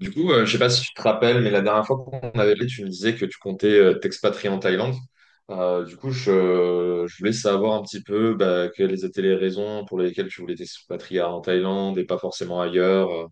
Du coup, je sais pas si tu te rappelles, mais la dernière fois qu'on avait parlé, tu me disais que tu comptais t'expatrier en Thaïlande. Du coup, je voulais savoir un petit peu bah, quelles étaient les raisons pour lesquelles tu voulais t'expatrier en Thaïlande et pas forcément ailleurs.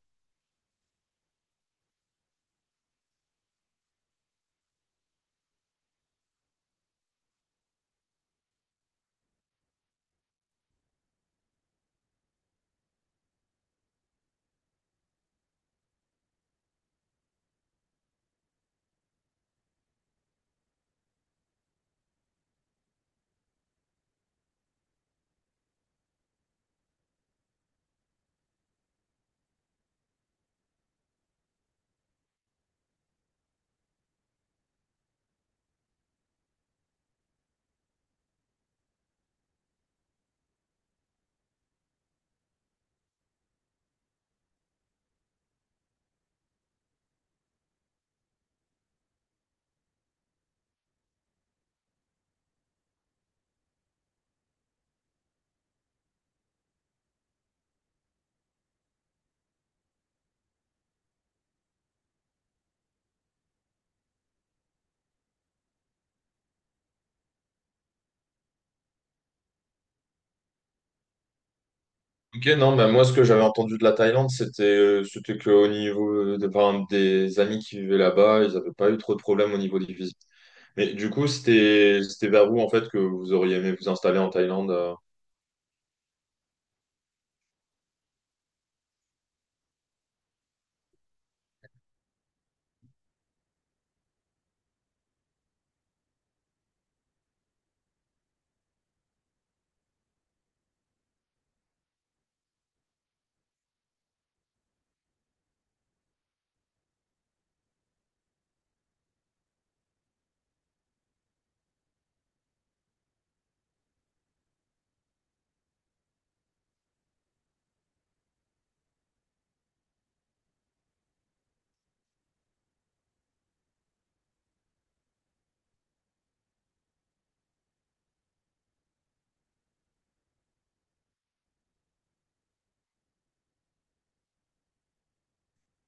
Ok, non, bah, moi, ce que j'avais entendu de la Thaïlande, c'était qu'au niveau de, par exemple, des amis qui vivaient là-bas, ils n'avaient pas eu trop de problèmes au niveau des visas. Mais du coup, c'était vers où, en fait, que vous auriez aimé vous installer en Thaïlande?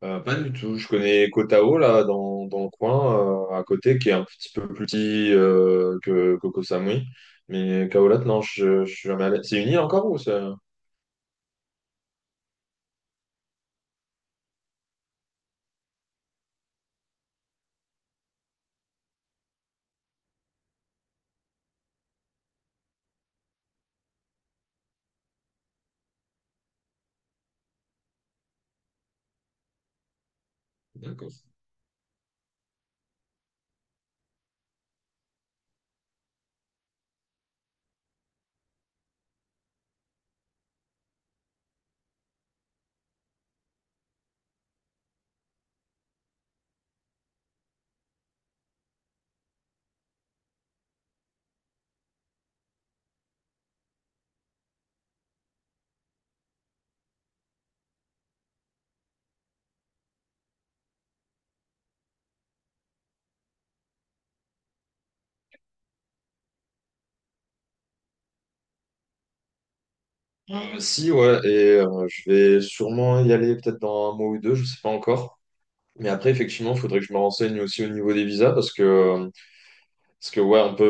Pas du tout. Je connais Koh Tao, là, dans le coin, à côté, qui est un petit peu plus petit que Koh Samui. Mais Khao Lak, non, je suis jamais allé. C'est une île encore ou c'est... D'accord. Si, ouais, et je vais sûrement y aller peut-être dans un mois ou deux, je sais pas encore. Mais après, effectivement, il faudrait que je me renseigne aussi au niveau des visas parce que ouais, on peut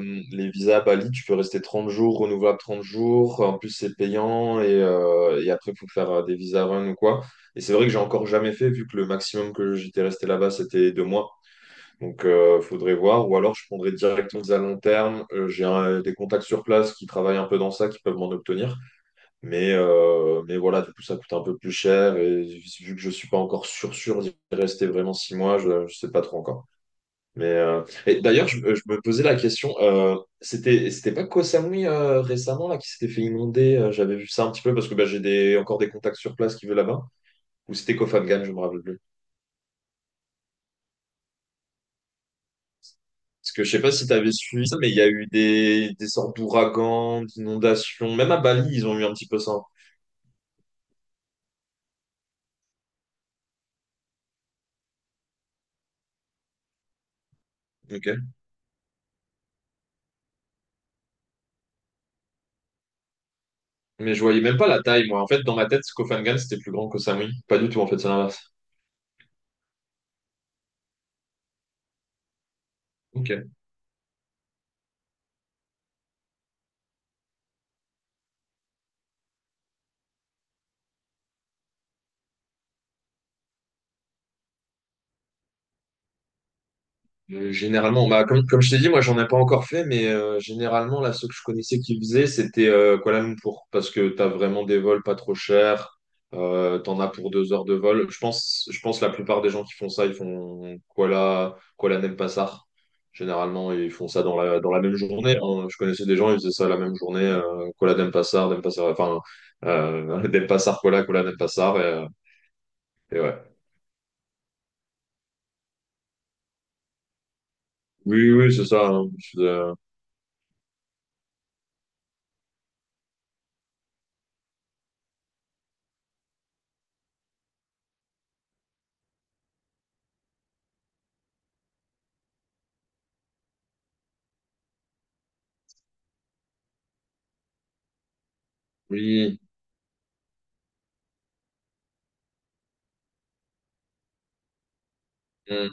les visas à Bali, tu peux rester 30 jours, renouvelable 30 jours, en plus c'est payant et après il faut faire des visas run ou quoi. Et c'est vrai que j'ai encore jamais fait vu que le maximum que j'étais resté là-bas c'était 2 mois. Donc faudrait voir ou alors je prendrais directement des à long terme. J'ai des contacts sur place qui travaillent un peu dans ça, qui peuvent m'en obtenir. Mais voilà, du coup ça coûte un peu plus cher et vu que je suis pas encore sûr sûr d'y rester vraiment 6 mois, je sais pas trop encore. Et d'ailleurs, je me posais la question, c'était pas Koh Samui récemment là qui s'était fait inonder, j'avais vu ça un petit peu parce que bah, j'ai des encore des contacts sur place qui vivent là-bas, ou c'était Koh Phangan, je me rappelle plus. Parce que je sais pas si tu avais suivi ça, mais il y a eu des sortes d'ouragans, d'inondations, même à Bali, ils ont eu un petit peu ça. Ok. Mais je voyais même pas la taille, moi. En fait, dans ma tête, Koh Phangan, c'était plus grand que Koh Samui. Pas du tout, en fait, c'est l'inverse. Ok. Généralement, bah, comme je t'ai dit, moi j'en ai pas encore fait, mais généralement, là, ceux que je connaissais qui faisaient, c'était Kuala Lumpur, parce que t'as vraiment des vols pas trop chers, t'en as pour 2 heures de vol. Je pense la plupart des gens qui font ça, ils font Kuala Denpasar. Généralement, ils font ça dans la même journée. Hein. Je connaissais des gens, ils faisaient ça la même journée, Kuala Denpasar, Denpasar, enfin, Denpasar, Kuala Denpasar, et ouais. Oui, oui, c'est ça. Hein. Oui. Hmm.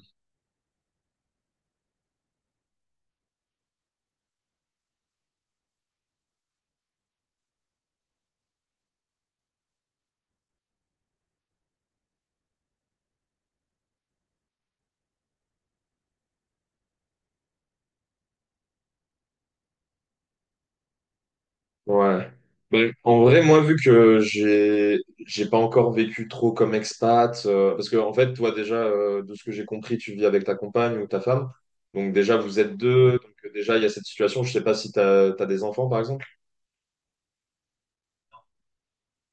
Ouais. Ben, en vrai, moi, vu que j'ai pas encore vécu trop comme expat, parce que en fait, toi déjà, de ce que j'ai compris, tu vis avec ta compagne ou ta femme, donc déjà vous êtes deux, donc déjà il y a cette situation. Je sais pas si t'as des enfants, par exemple.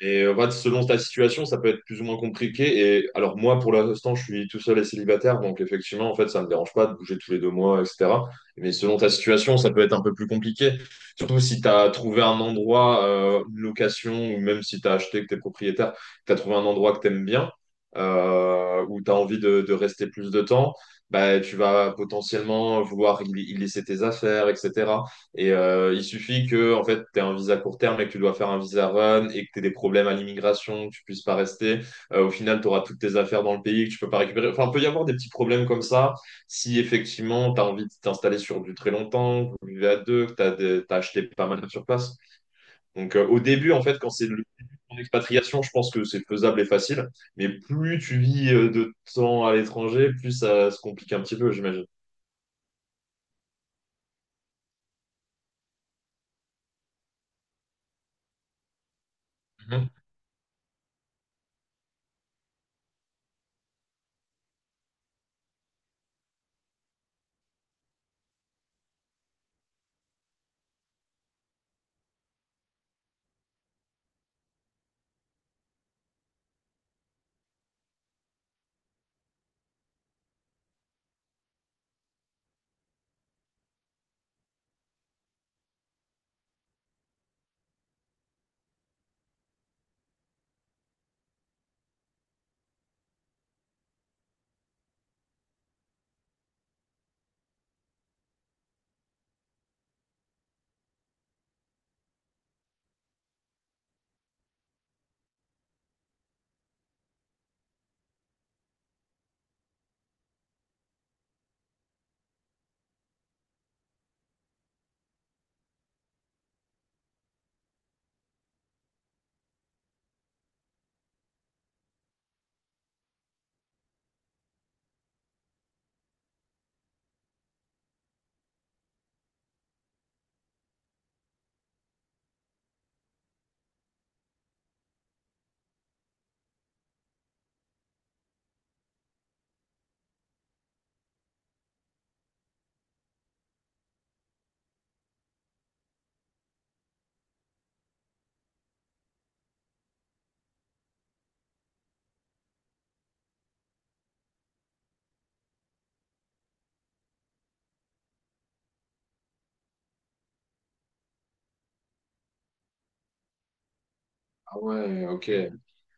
Et en fait, selon ta situation, ça peut être plus ou moins compliqué. Et alors moi, pour l'instant, je suis tout seul et célibataire, donc effectivement, en fait, ça me dérange pas de bouger tous les 2 mois, etc. Mais selon ta situation, ça peut être un peu plus compliqué. Surtout si tu as trouvé un endroit, une location, ou même si tu as acheté, que tu es propriétaire, que tu as trouvé un endroit que tu aimes bien, où tu as envie de rester plus de temps, bah, tu vas potentiellement vouloir y laisser tes affaires, etc. Et il suffit que en fait, tu aies un visa court terme et que tu dois faire un visa run et que tu aies des problèmes à l'immigration, que tu puisses pas rester. Au final, tu auras toutes tes affaires dans le pays que tu peux pas récupérer. Enfin, il peut y avoir des petits problèmes comme ça si effectivement tu as envie de t'installer sur du très longtemps, que vous vivez à deux, que tu as, des... t'as acheté pas mal sur place. Donc au début, en fait, quand c'est le en expatriation, je pense que c'est faisable et facile, mais plus tu vis de temps à l'étranger, plus ça se complique un petit peu, j'imagine. Mhm. Ah ouais, ok.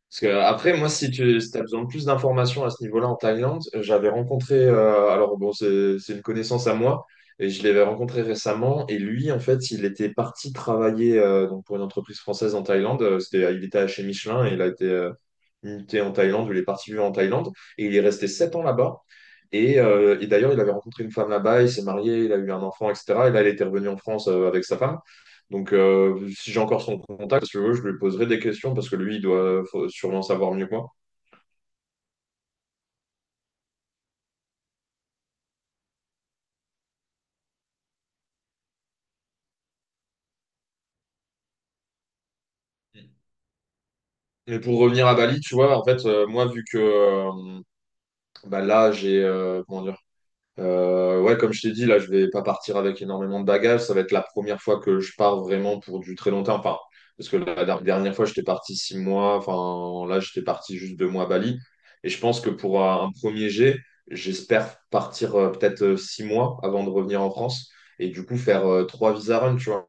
Parce que après, moi, si tu as besoin de plus d'informations à ce niveau-là en Thaïlande, j'avais rencontré, alors bon, c'est une connaissance à moi, et je l'avais rencontré récemment, et lui, en fait, il était parti travailler donc pour une entreprise française en Thaïlande, c'était, il était chez Michelin, et il a été il était en Thaïlande, où il est parti vivre en Thaïlande et il est resté 7 ans là-bas. Et d'ailleurs, il avait rencontré une femme là-bas, il s'est marié, il a eu un enfant, etc. Et là, il était revenu en France avec sa femme. Donc, si j'ai encore son contact, si tu veux, je lui poserai des questions parce que lui, il doit faut sûrement savoir mieux que moi. Mais pour revenir à Bali, tu vois, en fait, moi, vu que bah là, j'ai comment dire, ouais, comme je t'ai dit, là, je vais pas partir avec énormément de bagages. Ça va être la première fois que je pars vraiment pour du très longtemps. Enfin, parce que la dernière fois, j'étais parti 6 mois. Enfin, là, j'étais parti juste 2 mois à Bali. Et je pense que pour un premier jet, j'espère partir peut-être 6 mois avant de revenir en France. Et du coup, faire 3 visa runs, tu vois.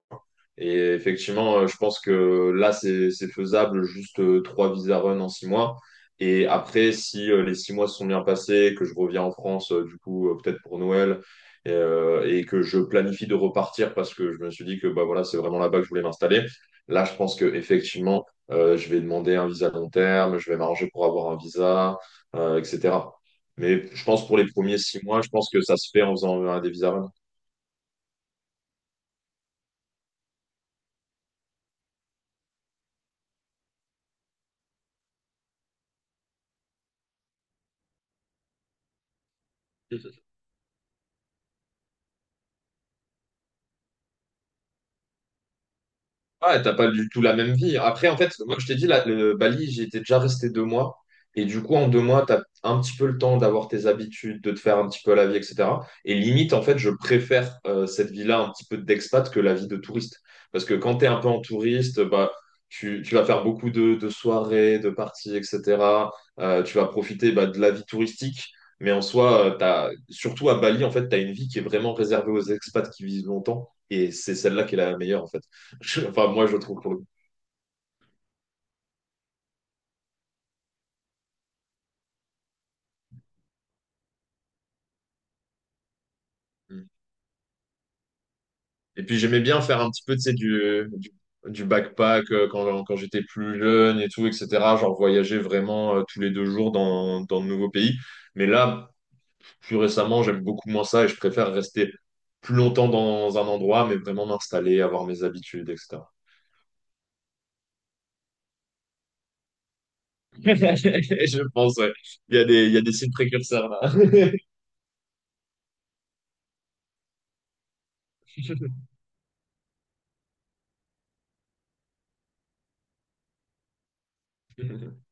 Et effectivement, je pense que là, c'est faisable, juste 3 visa run en 6 mois. Et après, si les 6 mois se sont bien passés, que je reviens en France, du coup, peut-être pour Noël, et que je planifie de repartir parce que je me suis dit que bah, voilà, c'est vraiment là-bas que je voulais m'installer, là, je pense que effectivement, je vais demander un visa long terme, je vais m'arranger pour avoir un visa, etc. Mais je pense pour les premiers 6 mois, je pense que ça se fait en faisant des visa run. Ouais, t'as pas du tout la même vie. Après, en fait, moi, je t'ai dit, là, le Bali, j'y étais déjà resté 2 mois. Et du coup, en 2 mois, t'as un petit peu le temps d'avoir tes habitudes, de te faire un petit peu la vie, etc. Et limite, en fait, je préfère cette vie-là un petit peu d'expat que la vie de touriste. Parce que quand t'es un peu en touriste, bah, tu vas faire beaucoup de soirées, de parties, etc. Tu vas profiter bah, de la vie touristique. Mais en soi, surtout à Bali, en fait, t'as une vie qui est vraiment réservée aux expats qui vivent longtemps. Et c'est celle-là qui est la meilleure, en fait. Enfin, moi, je trouve pour le coup. Et puis, j'aimais bien faire un petit peu, tu sais, du backpack quand j'étais plus jeune et tout, etc. Genre, voyager vraiment tous les 2 jours dans de nouveaux pays. Mais là, plus récemment, j'aime beaucoup moins ça et je préfère rester plus longtemps dans un endroit, mais vraiment m'installer, avoir mes habitudes, etc. Je pense, ouais. Il y a des signes précurseurs, là.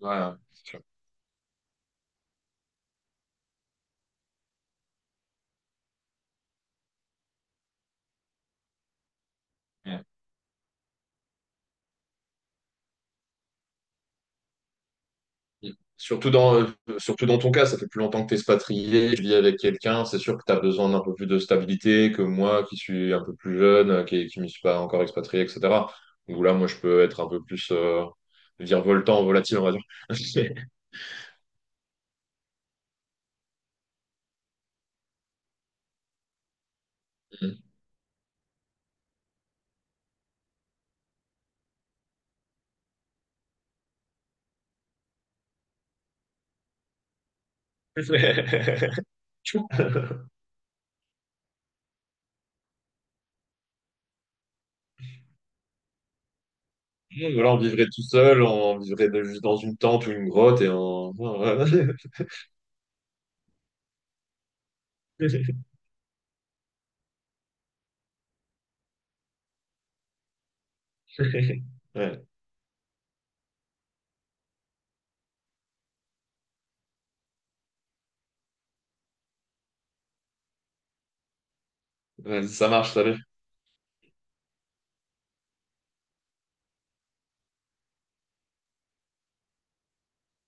Voilà. Surtout dans, euh, surtout dans ton cas, ça fait plus longtemps que tu es expatrié, tu vis avec quelqu'un, c'est sûr que tu as besoin d'un peu plus de stabilité que moi qui suis un peu plus jeune, qui ne m'y suis pas encore expatrié, etc. Donc là, moi, je peux être un peu plus virevoltant, volatile, on va dire. Tchou. Voilà, on vivrait tout seul, on vivrait juste dans une tente ou une grotte et on... Ouais, ouais, ça marche, ça